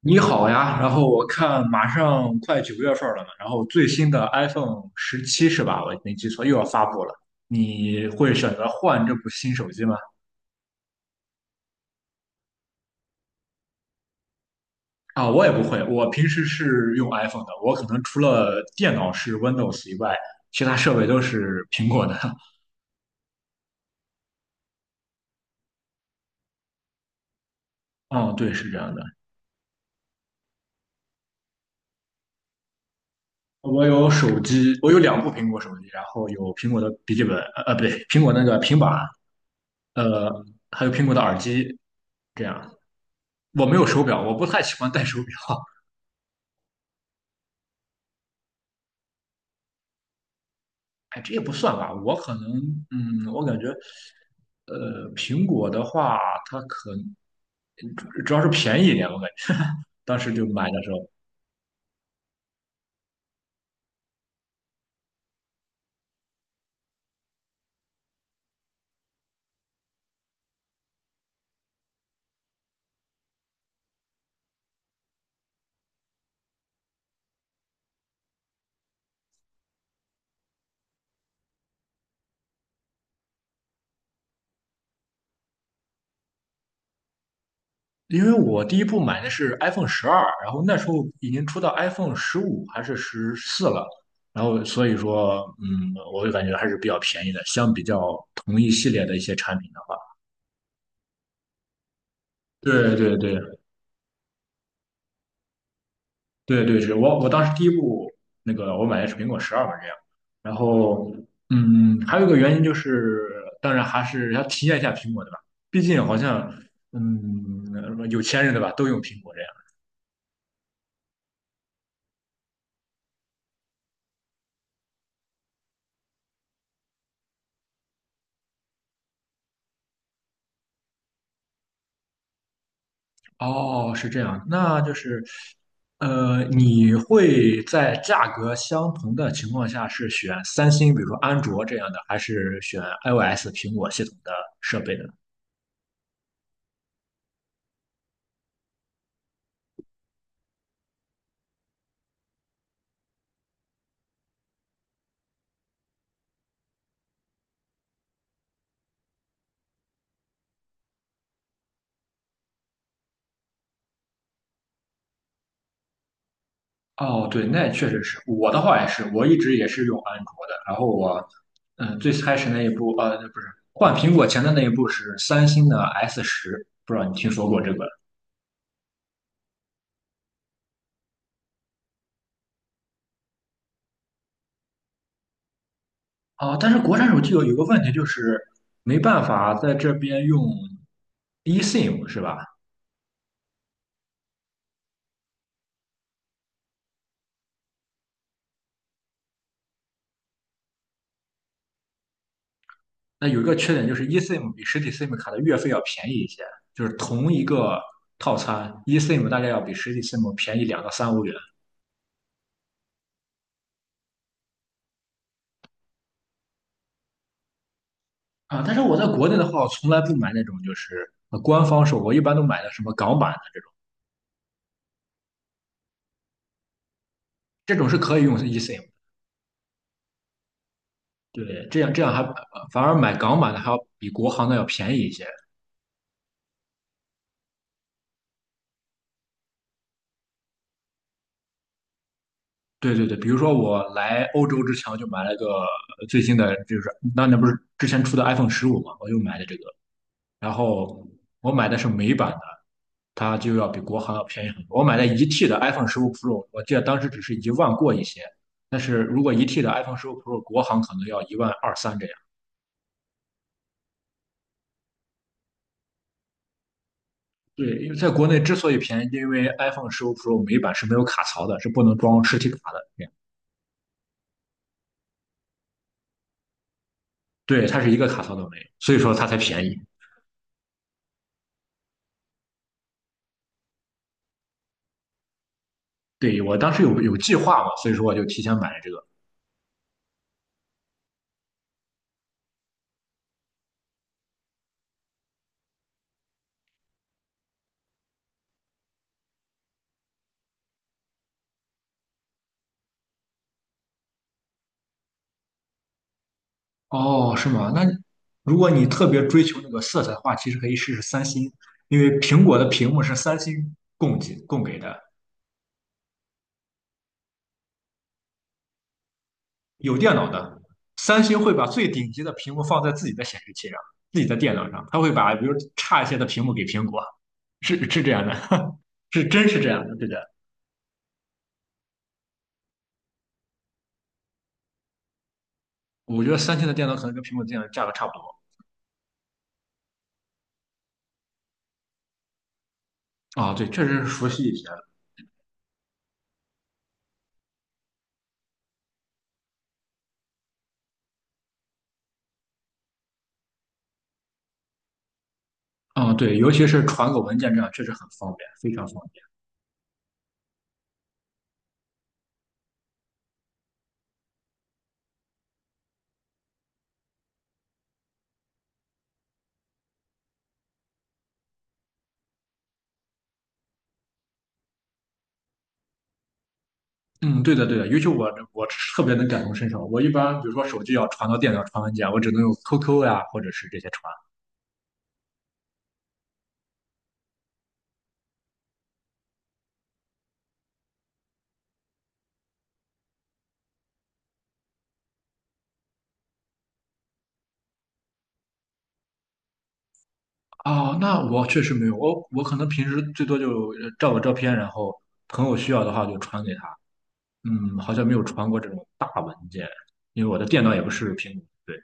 你好呀，然后我看马上快9月份了嘛，然后最新的 iPhone 17是吧？我没记错，又要发布了。你会选择换这部新手机吗？啊，我也不会，我平时是用 iPhone 的，我可能除了电脑是 Windows 以外，其他设备都是苹果的。嗯，对，是这样的。我有手机，我有2部苹果手机，然后有苹果的笔记本，不对，苹果那个平板，呃，还有苹果的耳机，这样。我没有手表，我不太喜欢戴手表。哎，这也不算吧，我可能，我感觉，苹果的话，它主要是便宜一点，我感觉当时就买的时候，因为我第一部买的是 iPhone 十二，然后那时候已经出到 iPhone 十五还是14了，然后所以说，我就感觉还是比较便宜的，相比较同一系列的一些产品的话，对对对，对对，是我当时第一部那个我买的是苹果十二嘛，这样。然后，还有一个原因就是，当然还是要体验一下苹果，的吧？毕竟好像，有钱人对吧，都用苹果这样。哦，是这样，那就是，你会在价格相同的情况下是选三星，比如说安卓这样的，还是选 iOS 苹果系统的设备呢？哦，对，那确实是我的话也是，我一直也是用安卓的。然后我，最开始那一部，不是换苹果前的那一部是三星的 S10，不知道你听说过这个？啊？但是国产手机有个问题就是没办法在这边用 eSIM 是吧？那有一个缺点就是 eSIM 比实体 SIM 卡的月费要便宜一些，就是同一个套餐，eSIM 大概要比实体 SIM 便宜2到3欧元。啊，但是我在国内的话，我从来不买那种就是官方售，我一般都买的什么港版的这种，这种是可以用 eSIM 的。对，这样还反而买港版的还要比国行的要便宜一些。对对对，比如说我来欧洲之前，我就买了个最新的，就是那不是之前出的 iPhone 十五嘛，我又买的这个，然后我买的是美版的，它就要比国行要便宜很多。我买的一 T 的 iPhone 十五 Pro，我记得当时只是一万过一些，但是如果一 T 的 iPhone 十五 Pro 国行可能要一万二三这样。对，因为在国内之所以便宜，因为 iPhone 十五 Pro 每一版是没有卡槽的，是不能装实体卡的。这样对，它是一个卡槽都没有，所以说它才便宜。对，我当时有计划嘛，所以说我就提前买了这个。哦，是吗？那如果你特别追求那个色彩的话，其实可以试试三星，因为苹果的屏幕是三星供给的，有电脑的，三星会把最顶级的屏幕放在自己的显示器上，自己的电脑上，它会把比如差一些的屏幕给苹果，是这样的，是真是这样的，对的。我觉得三星的电脑可能跟苹果电脑价格差不多。啊，对，确实是熟悉一些。啊，对，尤其是传个文件这样，确实很方便，非常方便。嗯，对的，对的，尤其我特别能感同身受。我一般比如说手机要传到电脑传文件，我只能用 QQ 呀，或者是这些传。啊。那我确实没有，我可能平时最多就照个照片，然后朋友需要的话就传给他。好像没有传过这种大文件，因为我的电脑也不是苹果。对，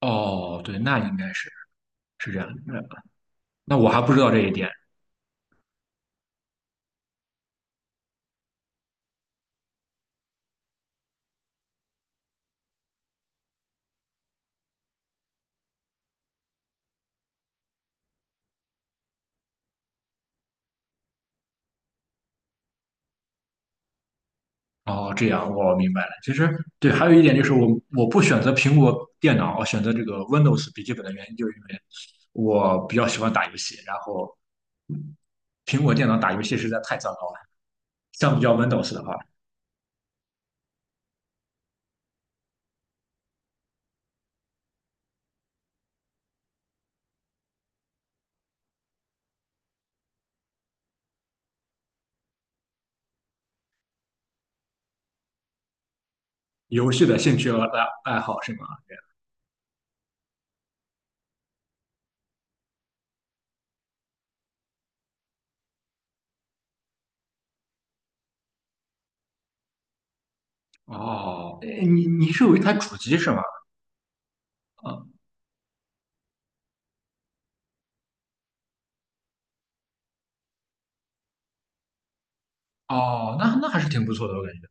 哦，对，那应该是这样的。那我还不知道这一点。哦，这样我明白了。其实对，还有一点就是我不选择苹果电脑，我选择这个 Windows 笔记本的原因，就是因为我比较喜欢打游戏，然后苹果电脑打游戏实在太糟糕了。相比较 Windows 的话，游戏的兴趣和爱好是吗？哦，诶你是有一台主机是吗？嗯，哦，那还是挺不错的，我感觉。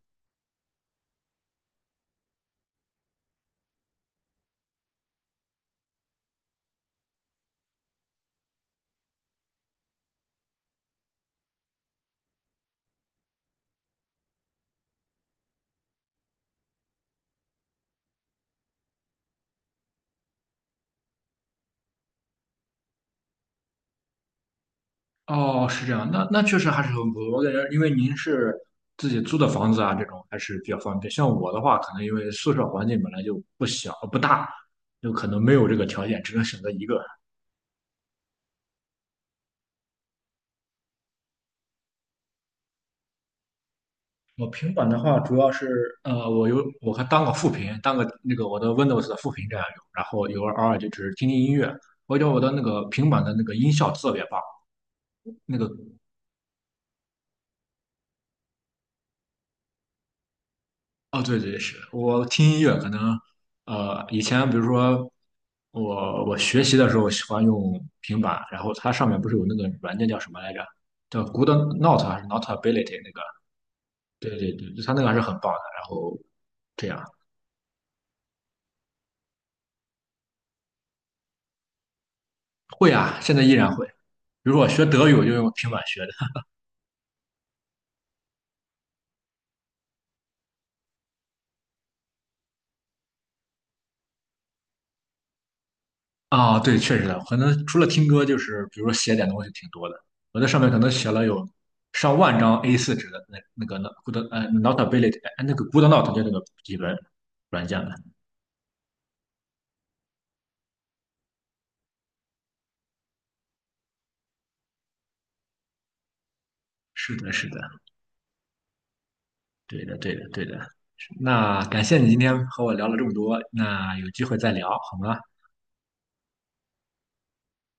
哦，是这样，那确实还是很不错。我感觉，因为您是自己租的房子啊，这种还是比较方便。像我的话，可能因为宿舍环境本来就不大，就可能没有这个条件，只能选择一个。我平板的话，主要是我还当个副屏，当个那个我的 Windows 的副屏这样用，然后有偶尔就只是听听音乐。我觉得我的那个平板的那个音效特别棒，那个哦，对对是，我听音乐可能，以前比如说我学习的时候喜欢用平板，然后它上面不是有那个软件叫什么来着？叫 Good Note 还是 Notability 那个？对对对，它那个还是很棒的。然后这样会啊，现在依然会。比如说我学德语，我就用平板学的。啊，对，确实的，可能除了听歌，就是比如说写点东西挺多的。我在上面可能写了有上万张 A4 纸的那个 Good Notability 那个 Good Note 就那个笔记本软件的。是的，是的，对的，对的，对的。那感谢你今天和我聊了这么多，那有机会再聊好吗？